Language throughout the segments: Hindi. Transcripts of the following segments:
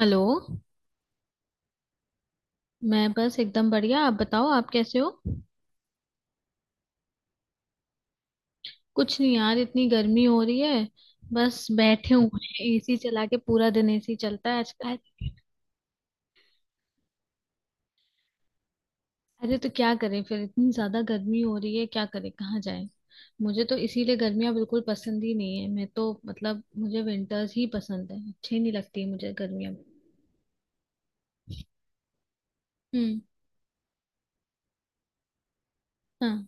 हेलो। मैं बस एकदम बढ़िया। आप बताओ, आप कैसे हो? कुछ नहीं यार, इतनी गर्मी हो रही है। बस बैठे हुए हैं एसी चला के। पूरा दिन एसी चलता है आजकल। अरे तो क्या करें फिर, इतनी ज्यादा गर्मी हो रही है, क्या करें, कहाँ जाएं। मुझे तो इसीलिए गर्मियाँ बिल्कुल पसंद ही नहीं है। मैं तो मतलब मुझे विंटर्स ही पसंद है, अच्छी नहीं लगती है मुझे गर्मियाँ। हम्म। हाँ।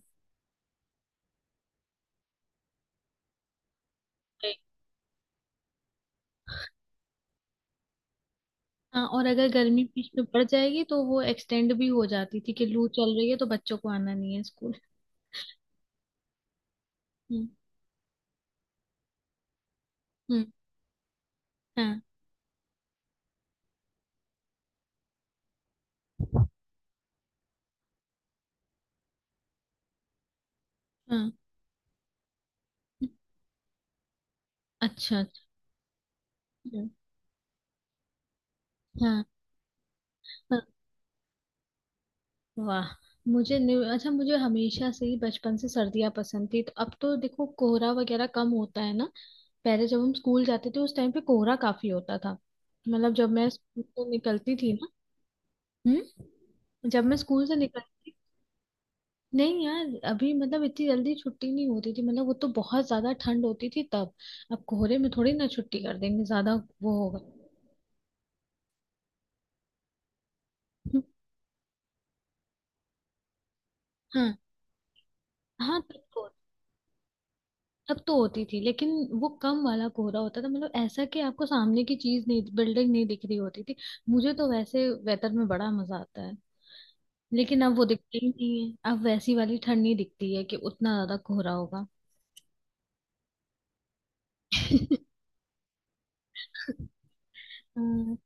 हाँ और अगर गर्मी बीच में पड़ जाएगी तो वो एक्सटेंड भी हो जाती थी, कि लू चल रही है तो बच्चों को आना नहीं है स्कूल। हम्म। हम्म। हाँ। हाँ। अच्छा। अच्छा। हाँ, हाँ, वाह। मुझे न्यू अच्छा, मुझे हमेशा से ही बचपन से सर्दियाँ पसंद थी, तो अब तो देखो कोहरा वगैरह कम होता है ना। पहले जब हम स्कूल जाते थे उस टाइम पे कोहरा काफी होता था। मतलब जब मैं स्कूल से निकलती थी ना। हम्म। जब मैं स्कूल से निकलती। नहीं यार, अभी मतलब इतनी जल्दी छुट्टी नहीं होती थी, मतलब वो तो बहुत ज्यादा ठंड होती थी तब। अब कोहरे में थोड़ी ना छुट्टी कर देंगे ज्यादा, वो होगा। हम्म, हाँ। हाँ तब कोहरा अब तो होती थी लेकिन वो कम वाला कोहरा होता था, मतलब ऐसा कि आपको सामने की चीज नहीं, बिल्डिंग नहीं दिख रही होती थी। मुझे तो वैसे वेदर में बड़ा मजा आता है। लेकिन अब वो दिखता ही नहीं है, अब वैसी वाली ठंड नहीं दिखती है कि उतना ज्यादा कोहरा होगा। हम्म।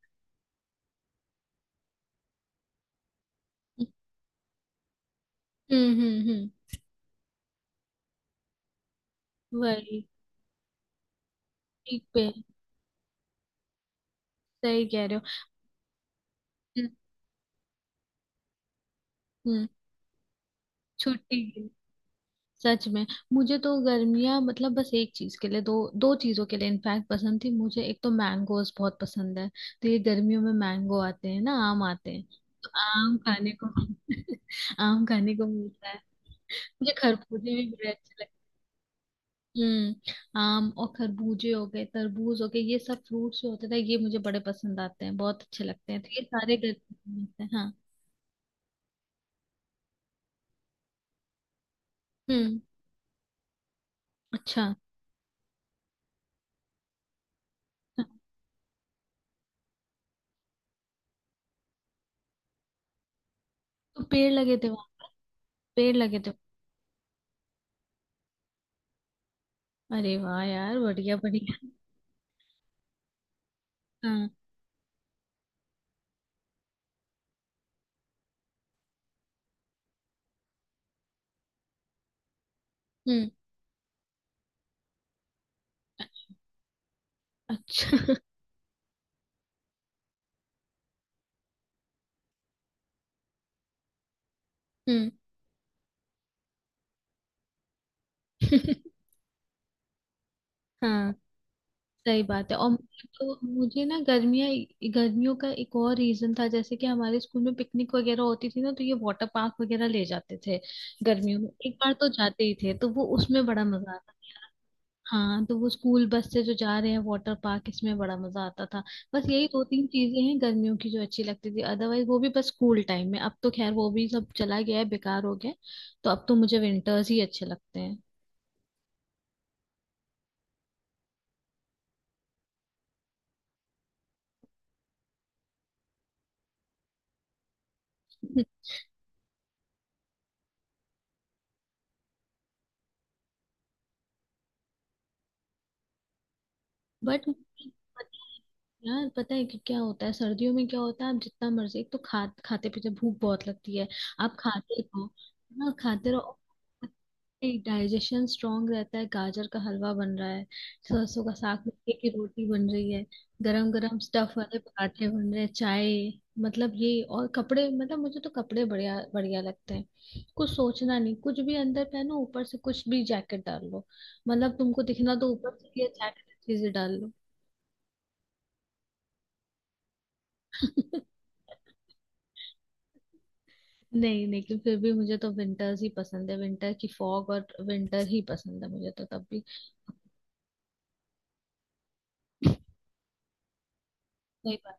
हम्म। हम्म। वही। ठीक पे। सही कह रहे हो। हम्म। हम्म, छुट्टी के। सच में। मुझे तो गर्मियाँ मतलब बस एक चीज के लिए, दो दो चीजों के लिए इनफैक्ट पसंद थी मुझे। एक तो मैंगोज बहुत पसंद है। तो ये गर्मियों में मैंगो आते हैं ना, आम आते हैं। तो आम खाने को। आम खाने को मिलता है। मुझे खरबूजे भी बड़े अच्छे लगते हैं। हम्म। आम और खरबूजे हो गए, तरबूज हो गए, ये सब फ्रूट्स जो होते थे ये मुझे बड़े पसंद आते हैं, बहुत अच्छे लगते हैं, तो ये सारे गर्मियों में मिलते हैं। हाँ। हम्म। अच्छा। हाँ, तो पेड़ लगे थे वहाँ। पेड़ लगे थे। अरे वाह यार, बढ़िया बढ़िया। हाँ। हम्म। अच्छा। हम्म। हाँ। सही बात है। और मुझे ना गर्मियाँ। गर्मियों का एक और रीजन था, जैसे कि हमारे स्कूल में पिकनिक वगैरह होती थी ना, तो ये वाटर पार्क वगैरह ले जाते थे। गर्मियों में एक बार तो जाते ही थे, तो वो उसमें बड़ा मजा आता। हाँ, तो वो स्कूल बस से जो जा रहे हैं वाटर पार्क, इसमें बड़ा मजा आता था। बस यही दो तीन चीजें हैं गर्मियों की जो अच्छी लगती थी, अदरवाइज वो भी बस स्कूल टाइम में। अब तो खैर वो भी सब चला गया है, बेकार हो गया है। तो अब तो मुझे विंटर्स ही अच्छे लगते हैं। बट यार, पता है कि क्या होता है सर्दियों में क्या होता है, आप जितना मर्जी, एक तो खा खाते पीते भूख बहुत लगती है। आप खाते रहो, ना खाते रहो, डाइजेशन स्ट्रांग रहता है। गाजर का हलवा बन रहा है, सरसों का साग, मक्के की रोटी बन रही है। गरम गरम स्टफ वाले पराठे बन रहे हैं, चाय। मतलब ये, और कपड़े मतलब मुझे तो कपड़े बढ़िया बढ़िया लगते हैं, कुछ सोचना नहीं, कुछ भी अंदर पहनो, ऊपर से कुछ भी जैकेट डाल लो। मतलब तुमको दिखना तो ऊपर से, ये जैकेट अच्छी से डाल लो। नहीं, लेकिन फिर भी मुझे तो विंटर्स ही पसंद है, विंटर की फॉग और विंटर ही पसंद है मुझे तो तब भी। सही बात।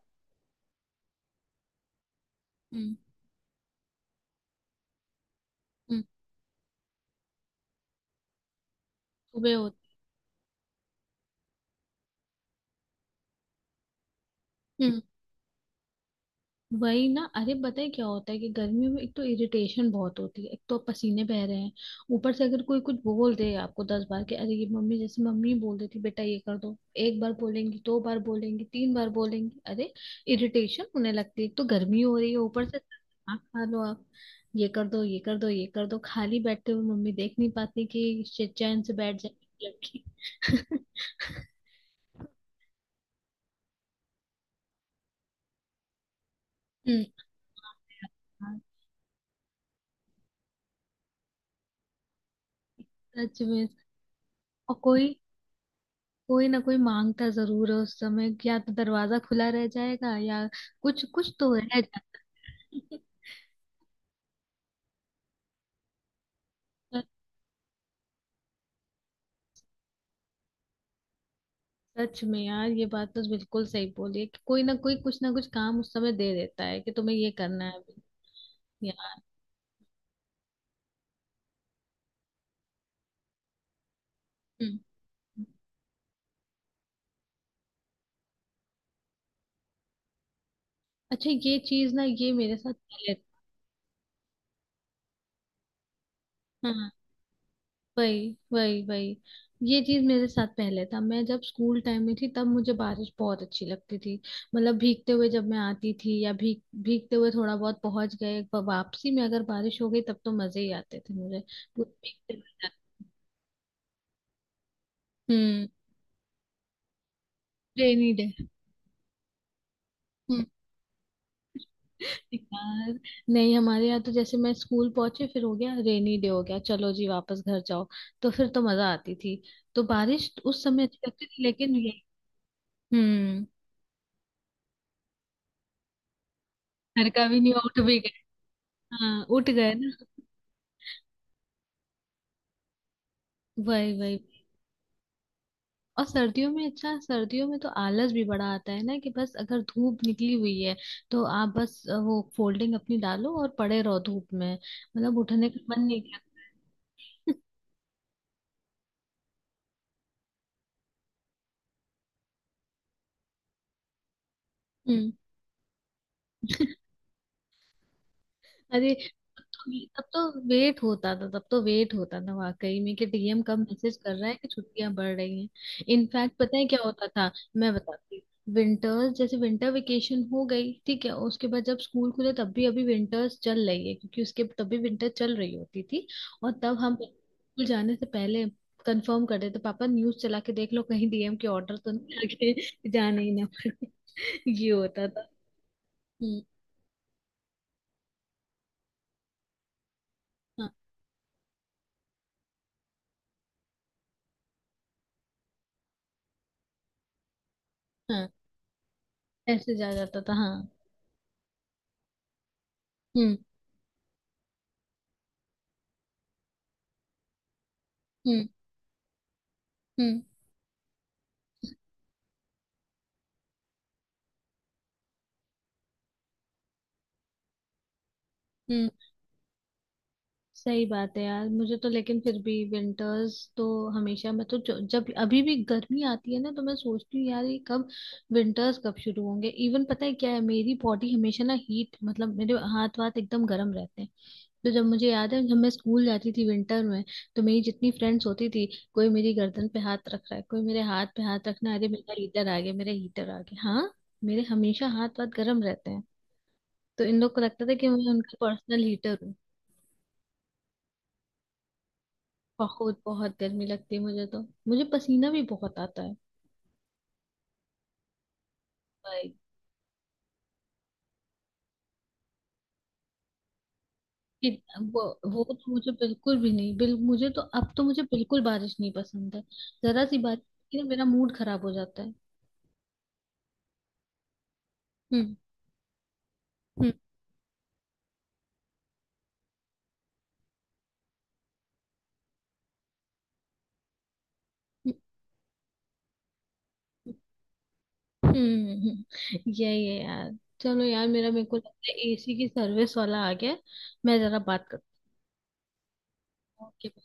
हम्म। हम्म। सुबह होती। वही ना, अरे पता है क्या होता है कि गर्मियों में एक तो इरिटेशन बहुत होती है, एक तो आप पसीने बह रहे हैं। ऊपर से अगर कोई कुछ बोल दे आपको दस बार, कि अरे ये मम्मी जैसे मम्मी बोल देती बेटा ये कर दो। एक बार बोलेंगी, दो बार बोलेंगी, तीन बार बोलेंगी, अरे इरिटेशन होने लगती है, एक तो गर्मी हो रही है, ऊपर से खाना खा लो आप, ये कर दो, ये कर दो, ये कर दो। खाली बैठते हुए मम्मी देख नहीं पाती कि चैन से बैठ जाए लड़की। हम्म। हाँ, सच में। और कोई, कोई ना कोई मांगता जरूर है उस समय, या तो दरवाजा खुला रह जाएगा, या कुछ कुछ तो रह जाता है। सच में यार, ये बात तो बिल्कुल सही बोली है कि कोई ना कोई कुछ ना कुछ काम उस समय दे देता है कि तुम्हें ये करना है अभी यार। हम्म। अच्छा ये चीज ना, ये मेरे साथ पहले। हाँ। वही वही वही। ये चीज मेरे साथ पहले था, मैं जब स्कूल टाइम में थी तब मुझे बारिश बहुत अच्छी लगती थी। मतलब भीगते हुए जब मैं आती थी, या भीगते हुए थोड़ा बहुत पहुंच गए, वापसी में अगर बारिश हो गई तब तो मजे ही आते थे मुझे। पूरे भीगते हुए जाते-। हम्म। Rainy day. हम्म। यार। नहीं हमारे यहाँ तो जैसे मैं स्कूल पहुंची, फिर हो गया रेनी डे, हो गया, चलो जी वापस घर जाओ। तो फिर तो मजा आती थी, तो बारिश उस समय अच्छी लगती थी, लेकिन ये। हम्म। घर का भी नहीं उठ भी। हाँ उठ गए ना। वही वही। और सर्दियों में, अच्छा सर्दियों में तो आलस भी बड़ा आता है ना, कि बस अगर धूप निकली हुई है, तो आप बस वो फोल्डिंग अपनी डालो और पड़े रहो धूप में, मतलब उठने का मन नहीं करता। हम्म। अरे तब तो वेट होता था, तब तो वेट होता था वाकई में, कि डीएम कब मैसेज कर रहा है कि छुट्टियां बढ़ रही हैं। इनफैक्ट पता है क्या होता था? मैं बताती। विंटर्स जैसे विंटर वेकेशन हो गई ठीक है, उसके बाद जब स्कूल खुले तब भी अभी विंटर्स चल रही है, क्योंकि उसके तब भी विंटर चल रही होती थी। और तब हम स्कूल जाने से पहले कंफर्म कर देते पापा, न्यूज चला के देख लो कहीं डीएम के ऑर्डर तो नहीं आ गए, जाने ही ना पड़े। ये होता था। हम्म। हाँ। हाँ, ऐसे जा जाता था। हाँ। हम्म। हम्म। हम्म। हम्म। सही बात है यार, मुझे तो लेकिन फिर भी विंटर्स तो हमेशा। मैं तो जब अभी भी गर्मी आती है ना, तो मैं सोचती हूँ यार ये कब विंटर्स कब शुरू होंगे। इवन पता है क्या है, मेरी बॉडी हमेशा ना हीट, मतलब मेरे हाथ वाथ एकदम गर्म रहते हैं। तो जब मुझे याद है जब मैं स्कूल जाती थी विंटर में, तो मेरी जितनी फ्रेंड्स होती थी, कोई मेरी गर्दन पे हाथ रख रहा है, कोई मेरे हाथ पे हाथ रखना, अरे मेरा हीटर आ गया, मेरा हीटर आ गया। हाँ। मेरे हमेशा हाथ वाथ गर्म रहते हैं। तो इन लोग को लगता था कि मैं उनका पर्सनल हीटर। बहुत बहुत गर्मी लगती है मुझे तो। मुझे पसीना भी बहुत आता है। भाई कि वो। वो तो मुझे बिल्कुल भी नहीं, बिल मुझे तो अब तो मुझे बिल्कुल बारिश नहीं पसंद है। जरा सी बारिश की ना, मेरा मूड खराब हो जाता है। हम्म। हम्म। हम्म। हम्म। यही है यार। चलो यार, मेरा मेरे को लगता है एसी की सर्विस वाला आ गया है। मैं जरा बात करता हूँ, okay?